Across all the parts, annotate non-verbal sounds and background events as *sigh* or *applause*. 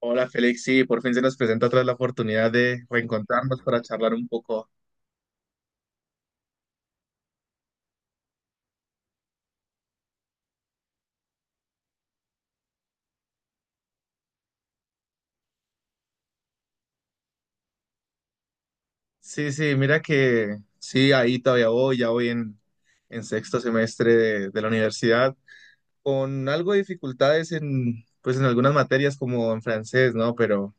Hola Félix, sí, por fin se nos presenta otra vez la oportunidad de reencontrarnos para charlar un poco. Sí, sí, mira que sí, ahí todavía voy, ya voy en sexto semestre de la universidad, con algo de dificultades en, pues, en algunas materias como en francés, ¿no? Pero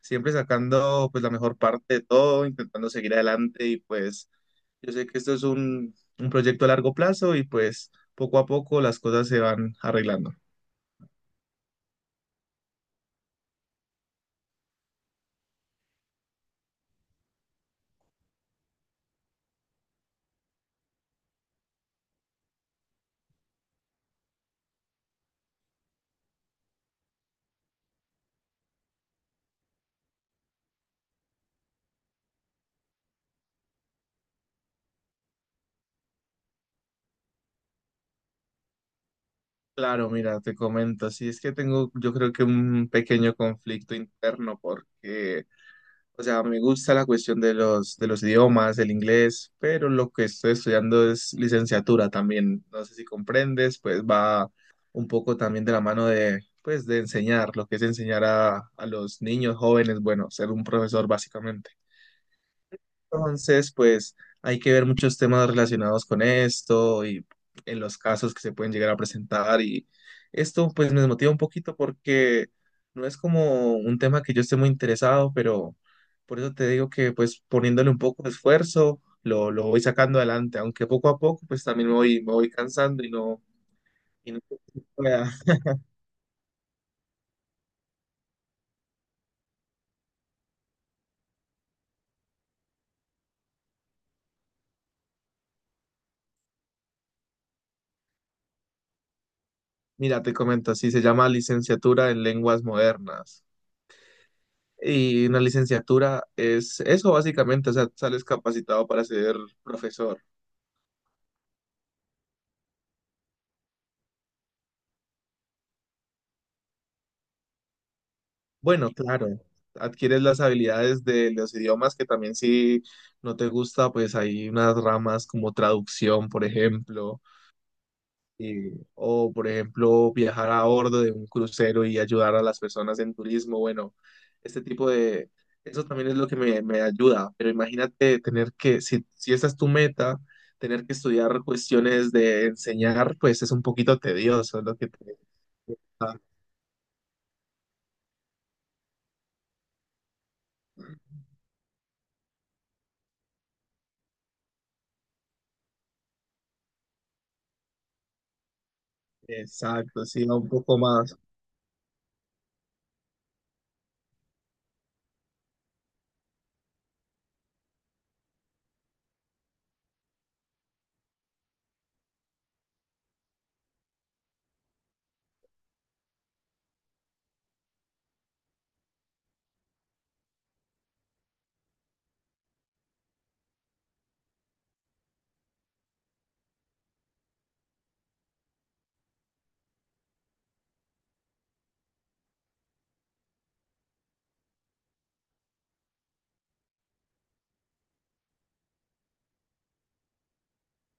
siempre sacando pues la mejor parte de todo, intentando seguir adelante y pues yo sé que esto es un proyecto a largo plazo y pues poco a poco las cosas se van arreglando. Claro, mira, te comento, sí, es que tengo yo creo que un pequeño conflicto interno porque, o sea, me gusta la cuestión de los idiomas, el inglés, pero lo que estoy estudiando es licenciatura también, no sé si comprendes, pues va un poco también de la mano de, pues, de enseñar, lo que es enseñar a los niños jóvenes, bueno, ser un profesor básicamente. Entonces, pues hay que ver muchos temas relacionados con esto y en los casos que se pueden llegar a presentar. Y esto pues me motiva un poquito porque no es como un tema que yo esté muy interesado, pero por eso te digo que pues poniéndole un poco de esfuerzo lo voy sacando adelante, aunque poco a poco pues también me voy cansando y no... Y no... *laughs* Mira, te comento, así se llama licenciatura en lenguas modernas. Y una licenciatura es eso básicamente, o sea, sales capacitado para ser profesor. Bueno, claro, adquieres las habilidades de los idiomas que también si no te gusta, pues hay unas ramas como traducción, por ejemplo, o, por ejemplo, viajar a bordo de un crucero y ayudar a las personas en turismo. Bueno, este tipo de... Eso también es lo que me ayuda. Pero imagínate tener que, si esa es tu meta, tener que estudiar cuestiones de enseñar, pues es un poquito tedioso, es lo que te... Ah, exacto, sí, un poco más.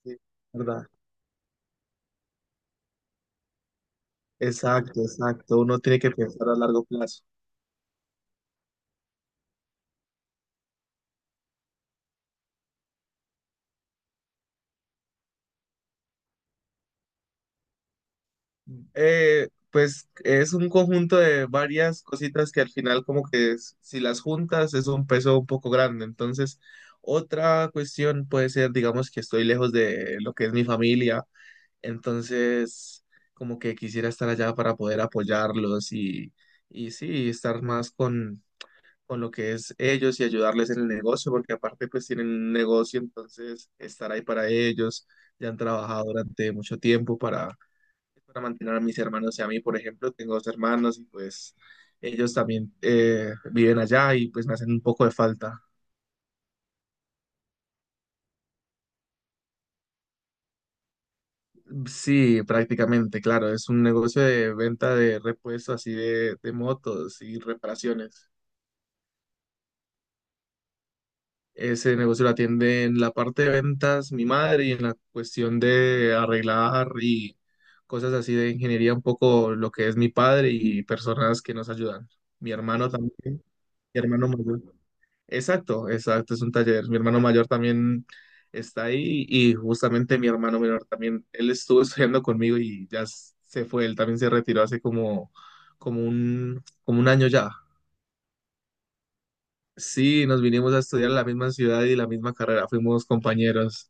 Sí, ¿verdad? Exacto, exacto. Uno tiene que pensar a largo plazo. Pues es un conjunto de varias cositas que al final como que si las juntas es un peso un poco grande. Entonces, otra cuestión puede ser, digamos, que estoy lejos de lo que es mi familia. Entonces, como que quisiera estar allá para poder apoyarlos y sí, estar más con lo que es ellos y ayudarles en el negocio, porque aparte pues tienen un negocio, entonces estar ahí para ellos. Ya han trabajado durante mucho tiempo para mantener a mis hermanos y a mí, por ejemplo, tengo dos hermanos y pues ellos también viven allá y pues me hacen un poco de falta. Sí, prácticamente, claro, es un negocio de venta de repuestos así de motos y reparaciones. Ese negocio lo atiende en la parte de ventas mi madre y en la cuestión de arreglar y cosas así de ingeniería un poco lo que es mi padre y personas que nos ayudan. Mi hermano también, mi hermano mayor. Exacto, exacto, es un taller. Mi hermano mayor también está ahí y justamente mi hermano menor también, él estuvo *laughs* estudiando conmigo y ya se fue, él también se retiró hace como un año ya. Sí, nos vinimos a estudiar en la misma ciudad y la misma carrera, fuimos compañeros.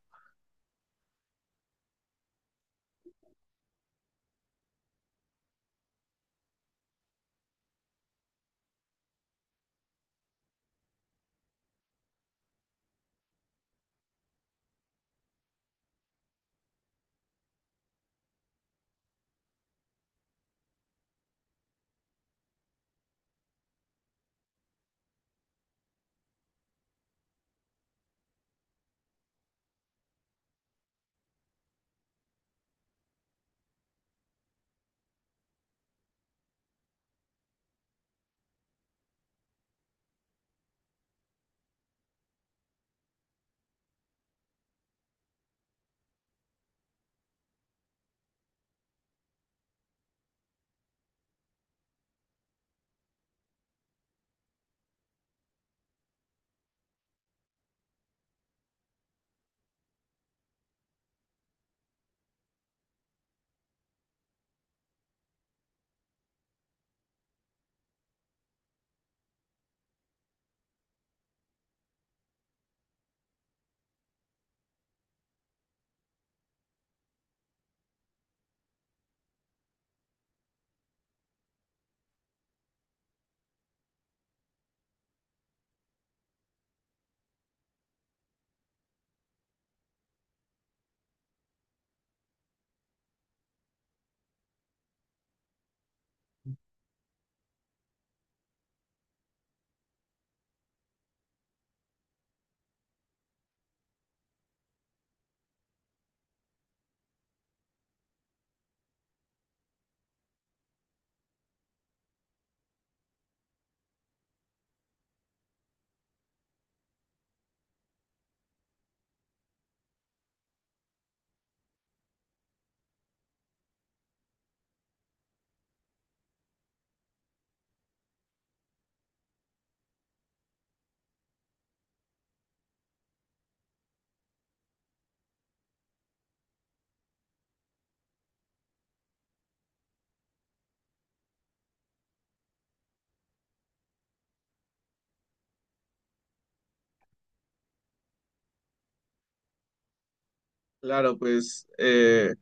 Claro, pues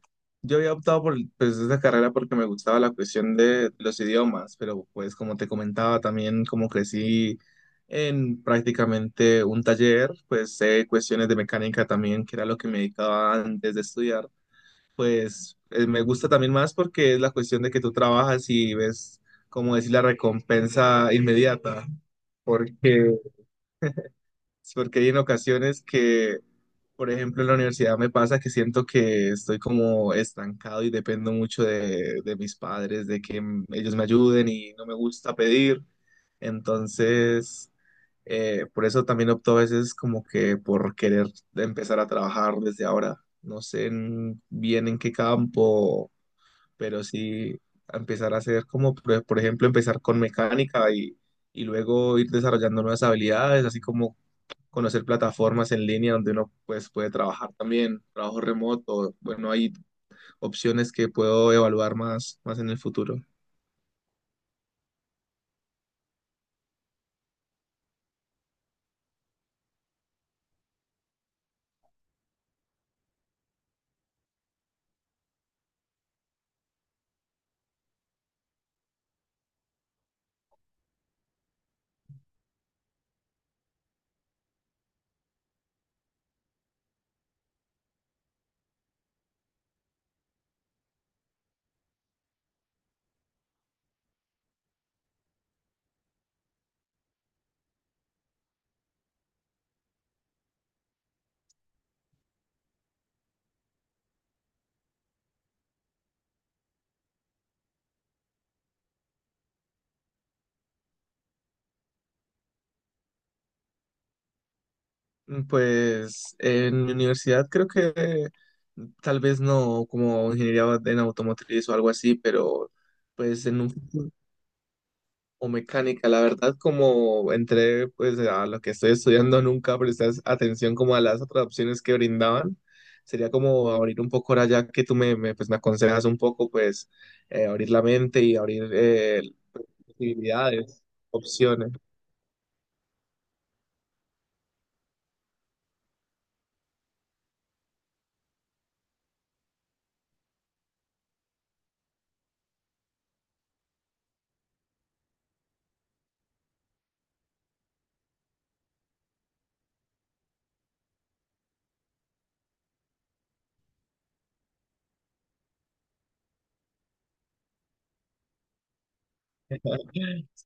yo había optado por pues, esta carrera porque me gustaba la cuestión de los idiomas, pero pues como te comentaba también como crecí en prácticamente un taller, pues sé cuestiones de mecánica también, que era lo que me dedicaba antes de estudiar, pues me gusta también más porque es la cuestión de que tú trabajas y ves, como decir, la recompensa inmediata, porque Porque hay en ocasiones que, por ejemplo, en la universidad me pasa que siento que estoy como estancado y dependo mucho de mis padres, de que ellos me ayuden y no me gusta pedir. Entonces, por eso también opto a veces como que por querer empezar a trabajar desde ahora. No sé bien en qué campo, pero sí empezar a hacer como, por ejemplo, empezar con mecánica y luego ir desarrollando nuevas habilidades, así como conocer plataformas en línea donde uno pues, puede trabajar también, trabajo remoto, bueno, hay opciones que puedo evaluar más en el futuro. Pues en mi universidad creo que tal vez no como ingeniería en automotriz o algo así, pero pues en un futuro o mecánica, la verdad, como entré pues a lo que estoy estudiando, nunca presté atención como a las otras opciones que brindaban. Sería como abrir un poco ahora ya que tú me aconsejas un poco, pues abrir la mente y abrir posibilidades, opciones.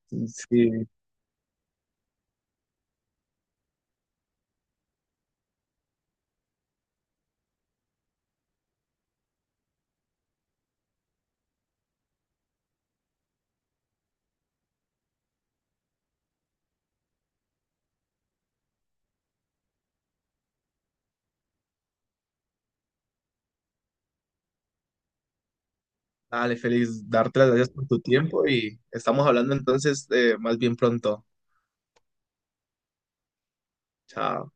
Sí, dale, Félix, darte las gracias por tu tiempo y estamos hablando entonces más bien pronto. Chao.